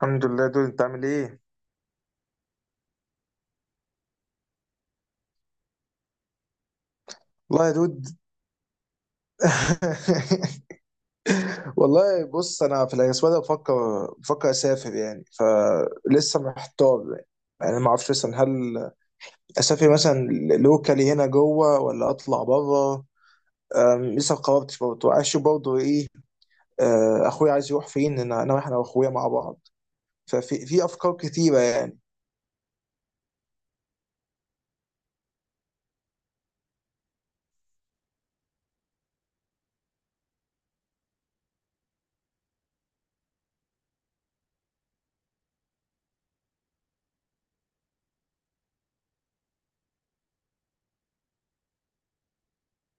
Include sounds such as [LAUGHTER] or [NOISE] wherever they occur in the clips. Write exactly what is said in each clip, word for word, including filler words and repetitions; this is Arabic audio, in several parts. الحمد لله. دول انت عامل ايه؟ والله يا دود. [LAUGHS] والله بص، انا في الاسبوع ده بفكر بفكر اسافر يعني، فلسه محتار يعني، يعني ما اعرفش مثلا، هل اسافر مثلا لوكالي هنا جوه ولا اطلع بره؟ أم، لسه ما قررتش، برضه عايز اشوف برضه ايه. آه، اخويا عايز يروح فين؟ انا انا رايح انا واخويا مع بعض، ففي في افكار كتيره يعني.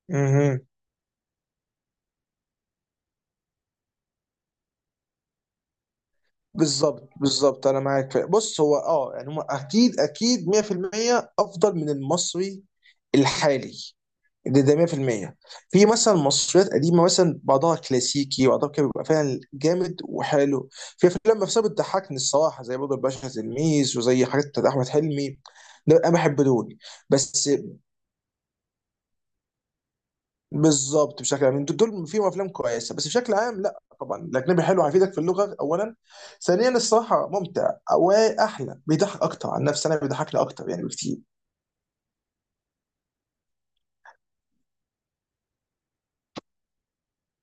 مهم. بالظبط بالظبط، انا معاك. في بص هو اه يعني، هم اكيد اكيد مية في المية افضل من المصري الحالي، ده ده مية في المية. في مثلا مصريات قديمه، مثلا بعضها كلاسيكي وبعضها كده بيبقى فعلا جامد وحلو، في افلام نفسها بتضحكني الصراحه، زي برضه الباشا تلميذ، وزي حاجات بتاعت احمد حلمي، ده انا بحب دول. بس بالظبط، بشكل عام انتوا دول فيهم افلام كويسه، بس بشكل عام لا، طبعا الاجنبي حلو، هيفيدك في اللغه اولا، ثانيا الصراحه ممتع واحلى، بيضحك اكتر. عن نفسي انا بيضحكني اكتر يعني بكتير.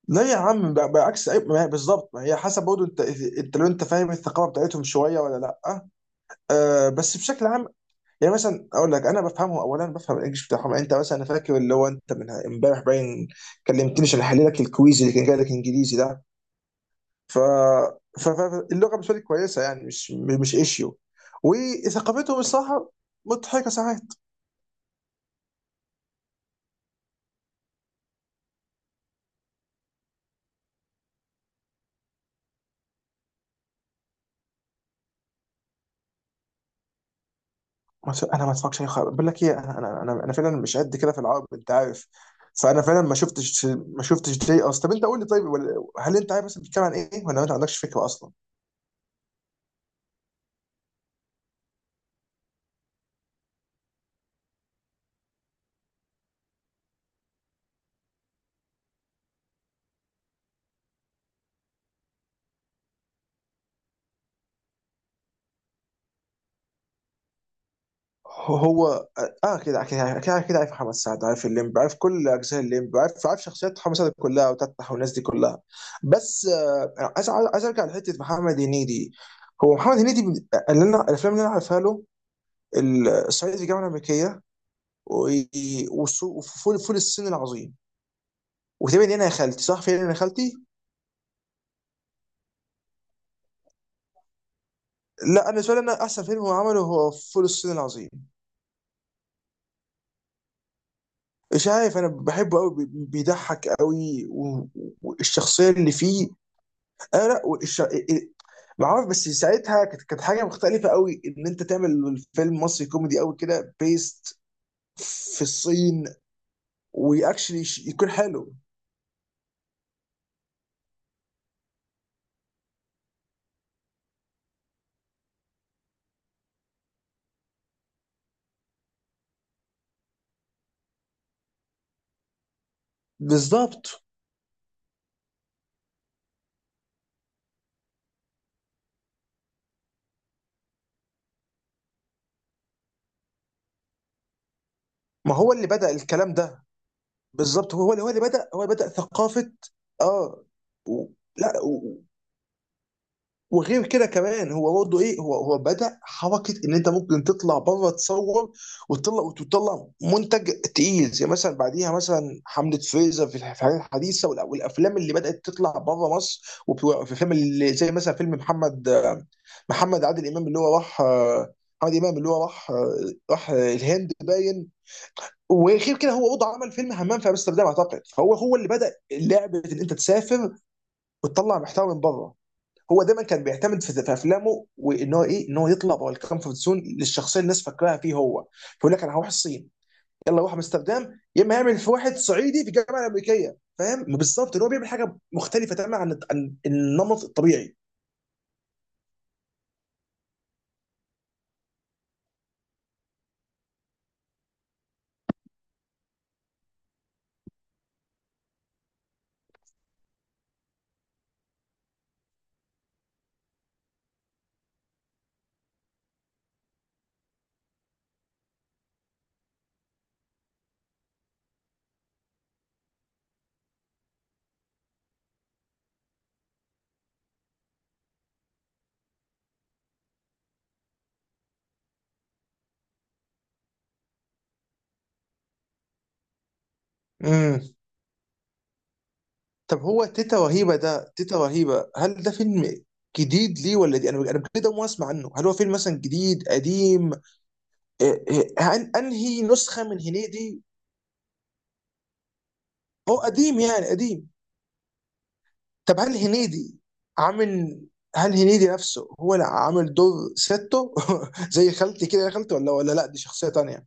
لا يا عم، ب- بعكس أي- ما هي بالظبط، ما هي حسب برضه انت، انت لو انت فاهم الثقافه بتاعتهم شويه ولا لا. آه بس بشكل عام يعني، مثلا اقول لك انا بفهمه، اولا بفهم الانجليش بتاعهم يعني. انت مثلا، انا فاكر اللي هو انت من امبارح باين كلمتني عشان احلل لك الكويز اللي كان جاي لك انجليزي ده. ف... ف... فاللغه بالنسبه لي كويسه يعني، مش مش ايشيو. وثقافتهم الصراحه مضحكه ساعات. ما ت- انا ما اتفرجش عليه خالص. بقول لك ايه، انا انا انا, أنا فعلا مش قد كده في العرب، انت عارف. فانا فعلا ما شفتش ما شفتش دي اصلا. طب انت قول لي طيب، ولا- هل انت عارف اصلا بتتكلم عن ايه، ولا انت ما عندكش فكره اصلا؟ هو اه، آه، كده كده كده كده عارف محمد سعد، عارف الليمب، عارف كل اجزاء الليمب، عارف عارف شخصيات محمد سعد كلها وتتح والناس دي كلها. بس آه، أنا عايز عايز ارجع لحته محمد هنيدي. هو محمد هنيدي من- اللي انا الافلام اللي انا عارفها له، ال- الصعيدي في الجامعه الامريكيه، و- وصو- وفول، فول الصين العظيم، وتقريبا انا يا خالتي صح، فين انا يا خالتي. لا انا بالنسبه لي، انا احسن فيلم هو عمله هو فول الصين العظيم. مش عارف، انا بحبه قوي، بيضحك قوي، والشخصيه اللي فيه. اه لا والش... ما عارف، بس ساعتها كانت كانت حاجه مختلفه قوي ان انت تعمل فيلم مصري كوميدي قوي كده بيست في الصين، واكشلي يكون حلو. بالظبط، ما هو اللي بدأ الكلام ده. بالظبط، هو اللي هو اللي بدأ هو اللي بدأ ثقافه. اه. و... لا، وغير كده كمان هو برضه ايه، هو هو بدأ حركه ان انت ممكن تطلع بره تصور، وتطلع وتطلع منتج تقيل، زي مثلا بعديها مثلا حمله فريزر في الح- في الحاجات الحديثه، والأ- والافلام اللي بدأت تطلع بره مصر، وفي فيلم اللي زي مثلا فيلم محمد محمد عادل امام اللي هو راح، آه، محمد امام اللي هو راح آه، راح آه، الهند باين. وغير كده، هو برضه عمل فيلم همام في امستردام اعتقد. فهو هو اللي بدأ لعبه ان انت تسافر وتطلع محتوى من بره. هو دايما كان بيعتمد في في افلامه وان هو ايه، ان هو يطلع بره الكومفورت زون للشخصيه اللي الناس فاكراها فيه هو. فيقول لك انا هروح الصين، يلا روح امستردام يا اما، يعمل في واحد صعيدي في الجامعه الامريكيه، فاهم؟ بالظبط ان هو بيعمل حاجه مختلفه تماما عن عن النمط الطبيعي. امم. طب هو تيتا رهيبه ده، تيتا رهيبه هل ده فيلم جديد ليه، ولا دي انا انا كده ما اسمع عنه؟ هل هو فيلم مثلا جديد قديم؟ إيه- إيه، أن- انهي نسخه من هنيدي؟ هو قديم يعني قديم؟ طب هل هنيدي عامل، هل هنيدي نفسه هو اللي عامل دور ستو [LAUGHS] زي خالتي كده يا خالتي؟ ولا ولا لا دي شخصية تانية.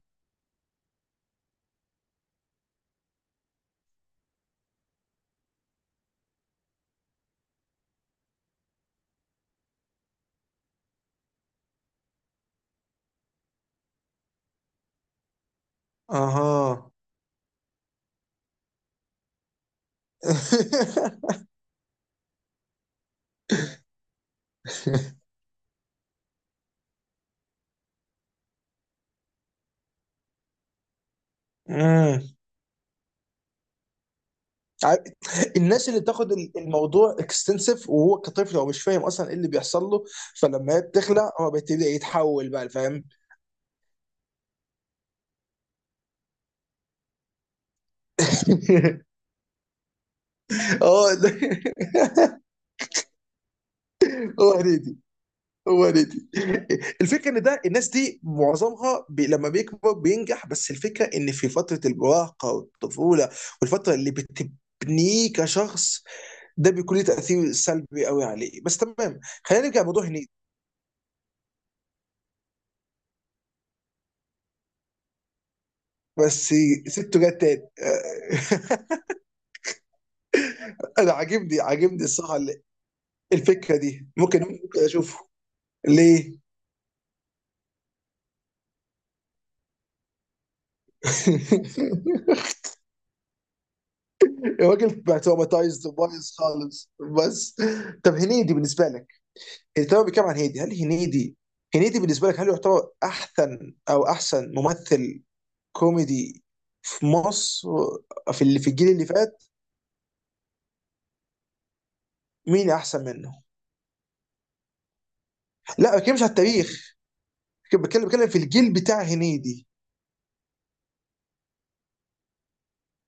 اها. [LAUGHS] امم. عارف- الناس اللي بتاخد ال- الموضوع اكستنسيف، وهو كطفل هو مش فاهم اصلا ايه اللي بيحصل له. فلما هي بتخلق، هو بيبتدي يتحول بقى، فاهم؟ [LAUGHS] اه ده- هو هنيدي. هو دي، دي الفكره، ان ده الناس دي معظمها بي لما بيكبر بينجح، بس الفكره ان في فتره المراهقه والطفوله والفتره اللي بتبنيه كشخص، ده بيكون له تاثير سلبي قوي عليه. بس تمام، خلينا نرجع لموضوع هنيدي. بس سته جت تاني. [LAUGHS] انا عاجبني عاجبني الصراحه ال- الفكره دي، ممكن ممكن اشوفه. ليه؟ [LAUGHS] الراجل بتروماتايزد وبايظ خالص. بس. طب هنيدي بالنسبه لك، التمام بيتكلم عن هنيدي، هل هنيدي، هنيدي بالنسبه لك هل يعتبر احسن او احسن ممثل كوميدي في مصر، في اللي في الجيل اللي فات؟ مين احسن منه؟ لا ما بتكلمش على التاريخ، بتكلم بتكلم في الجيل بتاع هنيدي.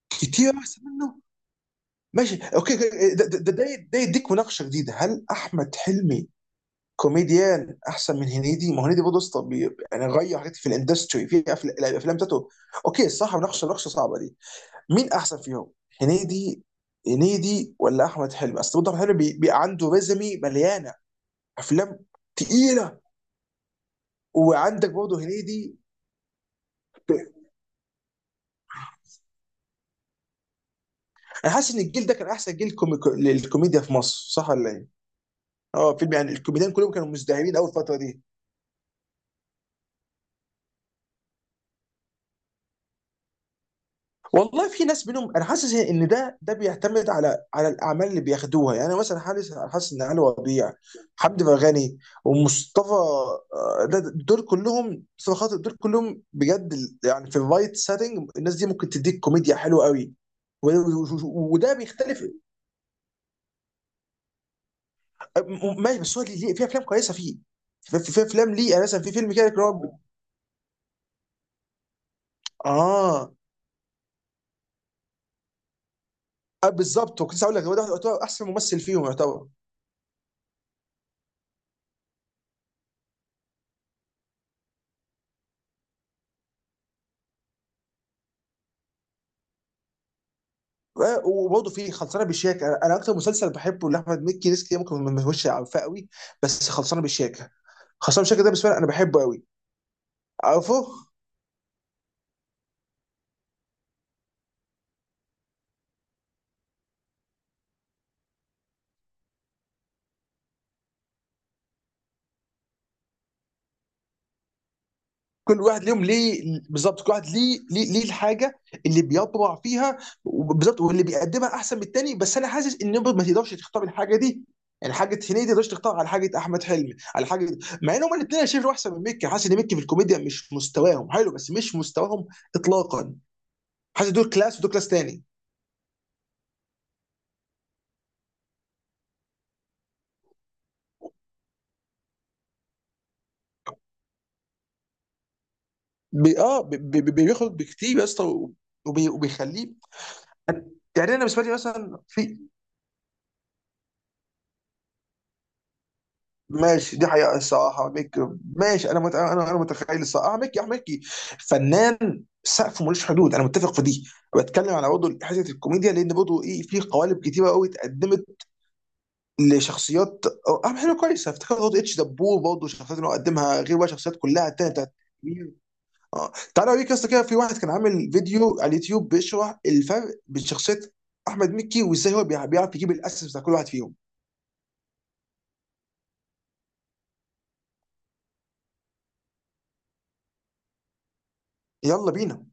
كتير احسن منه؟ ماشي، اوكي أوكي. ده ده ده ده يديك مناقشه جديده، هل احمد حلمي كوميديان احسن من هنيدي؟ ما هو هنيدي برضه اسطى بي- يعني، غير حاجات في الاندستري في أفل- الافلام بتاعته. اوكي، الصراحه مناقشه مناقشه صعبه دي. مين احسن فيهم، هنيدي، هنيدي ولا احمد حلمي؟ اصل برضه احمد حلمي بي- بي- عنده ريزمي مليانه افلام تقيله، وعندك برضه هنيدي. انا حاسس ان الجيل ده كان احسن جيل كومي... للكوميديا في مصر، صح ولا ايه؟ اه فيلم يعني، الكوميديان كلهم كانوا مزدهرين اول فتره دي. والله في ناس منهم، انا حاسس ان ده ده بيعتمد على على الاعمال اللي بياخدوها يعني. انا مثلا حاسس حاسس ان علي ربيع، حمدي فرغني، ومصطفى، آه، ده- دول كلهم، مصطفى خاطر، دول كلهم بجد ال- يعني في الرايت سيتنج، الناس دي ممكن تديك كوميديا حلوه قوي. و- و- و- وده بيختلف. م- ماشي، بس هو ليه- في افلام كويسه فيه، في في- في افلام ليه، يعني مثلا في فيلم كده اللي هو، اه. آه بالظبط، وكنت لسه هقول لك هو ده يعتبر احسن ممثل فيهم يعتبر. وبرضه في خلصانه بالشياكه، انا أنا اكتر مسلسل بحبه لاحمد مكي، ناس كتير ممكن ما يهوش عارفاه قوي، بس خلصانه بالشياكه، خلصانه بالشياكه ده بالنسبه لي انا بحبه قوي، عارفه. كل واحد ليهم ليه. بالظبط، كل واحد ليه، ليه ليه الحاجه اللي بيطبع فيها. بالظبط، واللي بيقدمها احسن من التاني. بس انا حاسس ان برضه ما تقدرش تختار الحاجه دي، يعني حاجه هنيدي ما تقدرش تختار على حاجه احمد حلمي على حاجه، مع ان هما الاثنين انا شايف احسن من مكي. حاسس ان مكي في الكوميديا مش مستواهم حلو، بس مش مستواهم اطلاقا، حاسس دول كلاس ودول كلاس تاني. بي اه بي بي بي- بيخرج بكتير يا اسطى، وبي وبيخليه. يعني انا بالنسبه لي مثلا في، ماشي دي حقيقه الصراحه ميك، ماشي انا مت... انا انا متخيل الصراحه ميكي، احمد ميكي فنان سقفه ملوش حدود، انا متفق في دي. بتكلم على برضه حته الكوميديا، لان برضه ايه، في قوالب كتيره قوي اتقدمت لشخصيات. أو- اهم حاجه كويسه افتكر برضه اتش دبور، برضه الشخصيات اللي هو قدمها غير بقى، شخصيات كلها تانية بتاعت. اه تعالى اوريك يا اسطى، كده في واحد كان عامل فيديو على اليوتيوب بيشرح الفرق بين شخصيه احمد مكي، وازاي هو بيع- بيعرف يجيب الاسس بتاع كل واحد فيهم. يلا بينا.